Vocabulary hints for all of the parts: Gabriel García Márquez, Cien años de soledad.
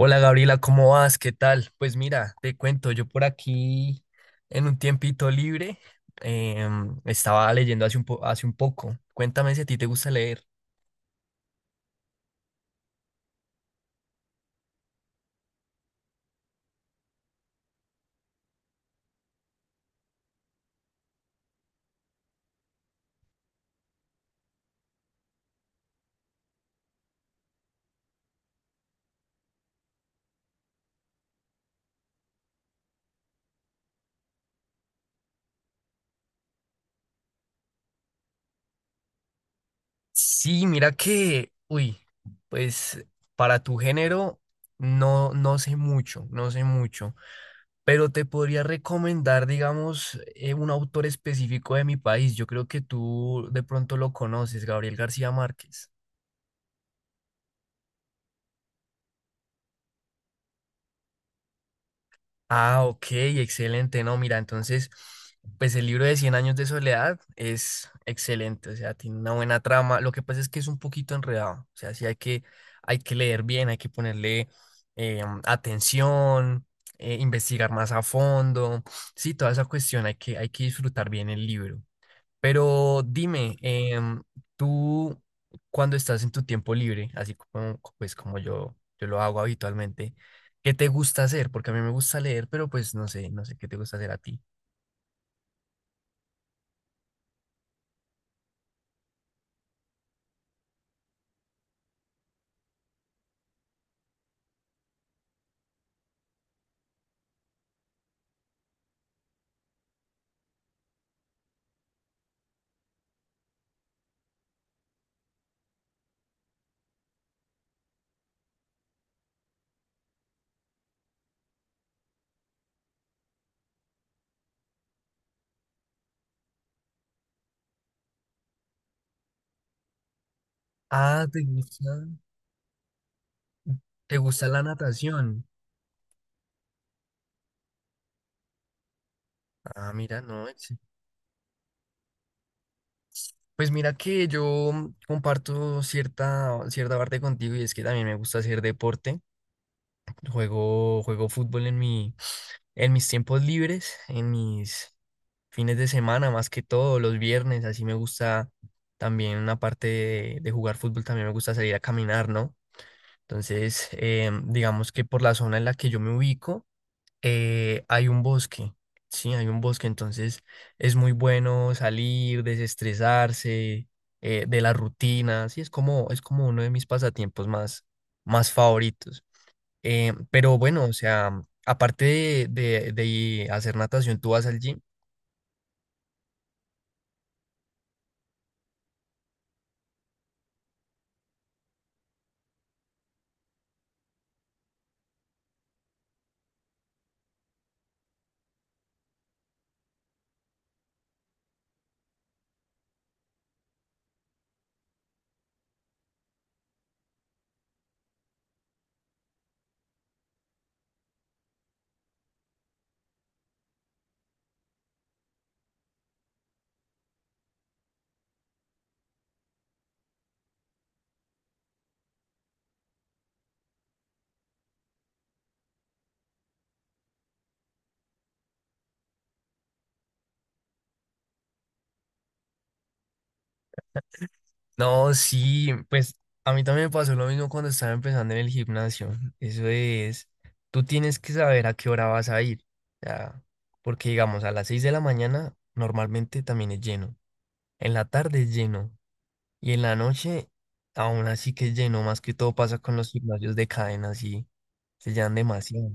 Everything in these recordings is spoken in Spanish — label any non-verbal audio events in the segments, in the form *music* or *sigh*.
Hola Gabriela, ¿cómo vas? ¿Qué tal? Pues mira, te cuento, yo por aquí en un tiempito libre estaba leyendo hace un poco. Cuéntame si a ti te gusta leer. Sí, mira que, uy, pues para tu género no sé mucho, no sé mucho, pero te podría recomendar, digamos, un autor específico de mi país. Yo creo que tú de pronto lo conoces, Gabriel García Márquez. Ah, ok, excelente. No, mira, entonces, pues el libro de Cien años de soledad es excelente, o sea, tiene una buena trama. Lo que pasa es que es un poquito enredado, o sea, sí hay que leer bien, hay que ponerle atención, investigar más a fondo, sí, toda esa cuestión, hay que disfrutar bien el libro. Pero dime, tú cuando estás en tu tiempo libre, así como, pues, como yo lo hago habitualmente, ¿qué te gusta hacer? Porque a mí me gusta leer, pero pues no sé, no sé qué te gusta hacer a ti. Ah, ¿te gusta? ¿Te gusta la natación? Ah, mira, no, ex- Pues mira que yo comparto cierta, cierta parte contigo y es que también me gusta hacer deporte. Juego, juego fútbol en mi, en mis tiempos libres, en mis, fines de semana, más que todo, los viernes, así me gusta también, aparte de jugar fútbol, también me gusta salir a caminar, ¿no? Entonces, digamos que por la zona en la que yo me ubico, hay un bosque, sí, hay un bosque, entonces es muy bueno salir, desestresarse, de la rutina, sí, es como uno de mis pasatiempos más, más favoritos. Pero bueno, o sea, aparte de, de hacer natación, ¿tú vas al gym? No, sí, pues a mí también me pasó lo mismo cuando estaba empezando en el gimnasio. Eso es, tú tienes que saber a qué hora vas a ir. Ya, porque digamos, a las 6 de la mañana normalmente también es lleno. En la tarde es lleno. Y en la noche aún así que es lleno. Más que todo pasa con los gimnasios de cadena, sí. Se llenan demasiado.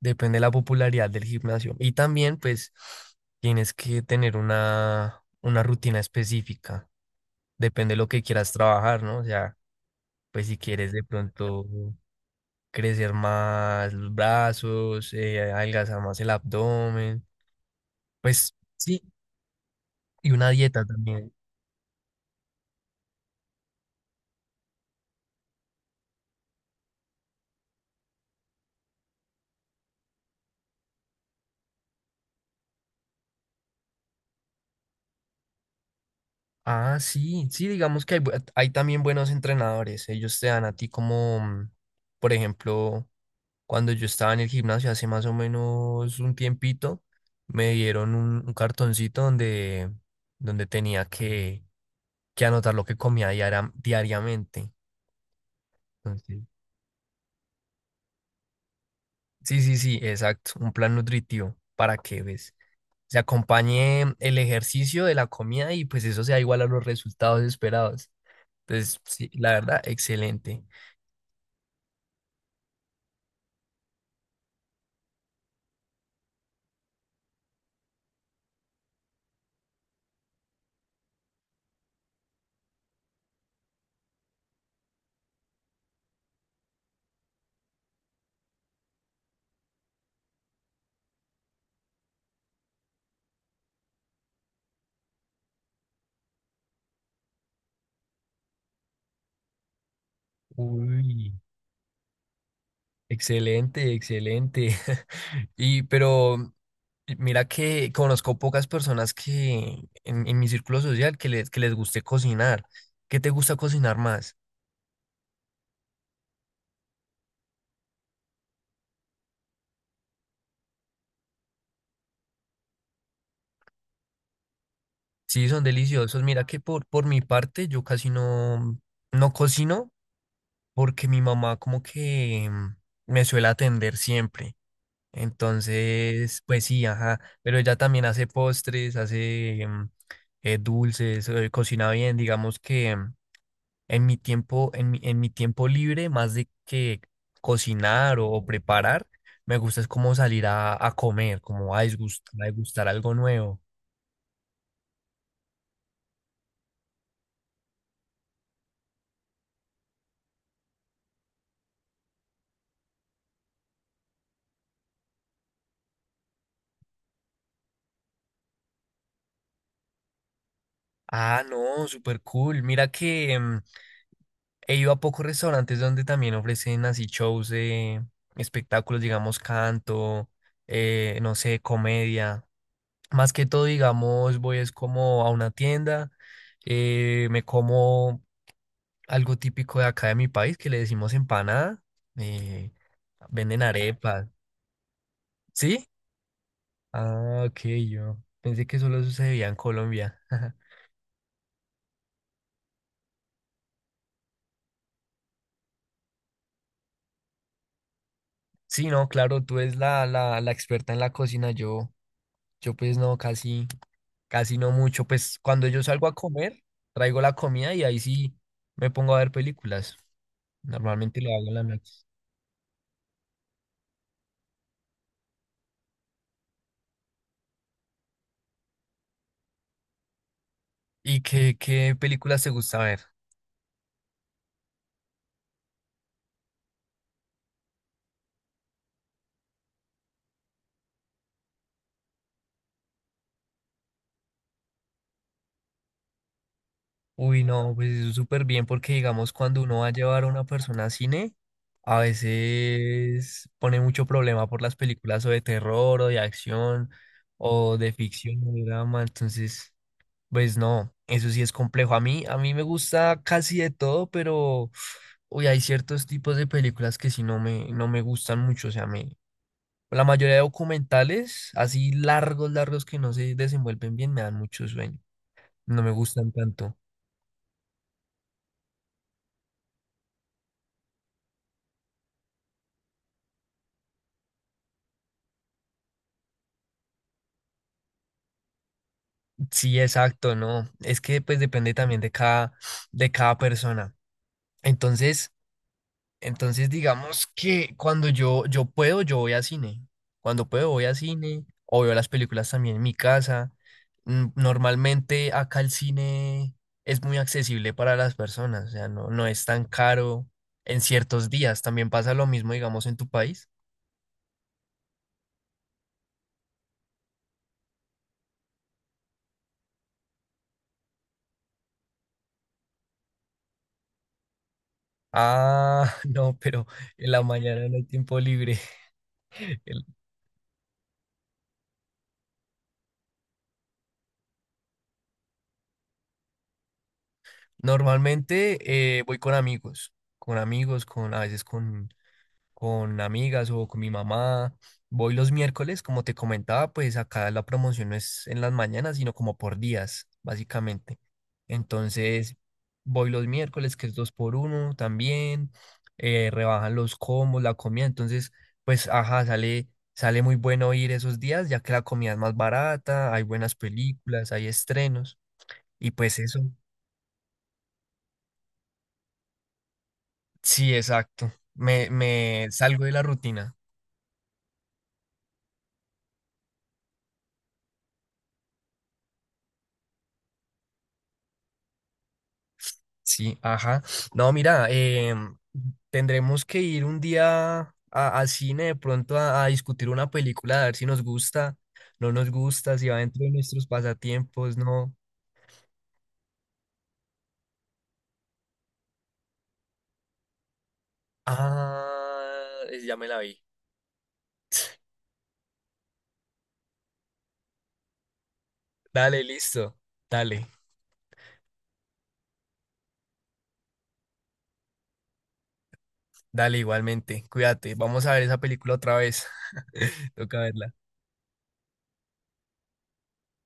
Depende de la popularidad del gimnasio. Y también, pues, tienes que tener una rutina específica. Depende de lo que quieras trabajar, ¿no? O sea, pues si quieres de pronto crecer más los brazos, adelgazar más el abdomen, pues sí, y una dieta también. Ah, sí, sí, digamos que hay, bu- hay también buenos entrenadores. Ellos te dan a ti como, por ejemplo, cuando yo estaba en el gimnasio hace más o menos un tiempito, me dieron un cartoncito donde, donde tenía que anotar lo que comía diariamente. Entonces, sí, sí, sí, exacto, un plan nutritivo para que ves se acompañe el ejercicio de la comida y pues eso sea igual a los resultados esperados. Entonces, sí, la verdad, excelente. Uy, excelente, excelente. *laughs* Y pero mira que conozco pocas personas que en mi círculo social que les guste cocinar. ¿Qué te gusta cocinar más? Sí, son deliciosos. Mira que por mi parte yo casi no, no cocino porque mi mamá como que me suele atender siempre. Entonces, pues sí, ajá. Pero ella también hace postres, hace dulces, cocina bien. Digamos que en mi tiempo libre, más de que cocinar o preparar, me gusta es como salir a comer, como a a degustar algo nuevo. Ah, no, súper cool. Mira que... he ido a pocos restaurantes donde también ofrecen así shows de espectáculos, digamos, canto, no sé, comedia. Más que todo, digamos, voy es como a una tienda, me como algo típico de acá de mi país, que le decimos empanada, eh, venden arepas, ¿sí? Ah, ok, yo pensé que solo sucedía en Colombia. *laughs* Sí, no, claro, tú eres la, la, la experta en la cocina, yo. Yo pues no, casi, casi no mucho. Pues cuando yo salgo a comer, traigo la comida y ahí sí me pongo a ver películas. Normalmente lo hago en la noche. ¿Y qué, qué películas te gusta ver? Uy, no, pues súper bien porque digamos cuando uno va a llevar a una persona a cine, a veces pone mucho problema por las películas o de terror o de acción o de ficción o de drama, entonces, pues no, eso sí es complejo. A mí me gusta casi de todo, pero uy, hay ciertos tipos de películas que sí no me, no me gustan mucho, o sea, me, la mayoría de documentales, así largos, largos que no se desenvuelven bien, me dan mucho sueño. No me gustan tanto. Sí, exacto, no. Es que pues depende también de cada persona. Entonces, entonces, digamos que cuando yo puedo, yo voy a cine. Cuando puedo, voy a cine o veo las películas también en mi casa. Normalmente acá el cine es muy accesible para las personas, o sea, no, no es tan caro en ciertos días. También pasa lo mismo, digamos, en tu país. Ah, *laughs* no, pero en la mañana no hay tiempo libre. *laughs* El- normalmente voy con amigos, con amigos, con a veces con amigas o con mi mamá. Voy los miércoles, como te comentaba, pues acá la promoción no es en las mañanas, sino como por días, básicamente. Entonces, voy los miércoles, que es dos por uno también, rebajan los combos, la comida. Entonces, pues, ajá, sale, sale muy bueno ir esos días, ya que la comida es más barata, hay buenas películas, hay estrenos, y pues eso, sí, exacto. Me salgo de la rutina. Sí, ajá. No, mira, tendremos que ir un día a- al cine de pronto a discutir una película, a ver si nos gusta, no nos gusta, si va dentro de nuestros pasatiempos, no. Ah, ya me la vi. Dale, listo. Dale, dale igualmente. Cuídate. Vamos a ver esa película otra vez. *laughs* Toca verla.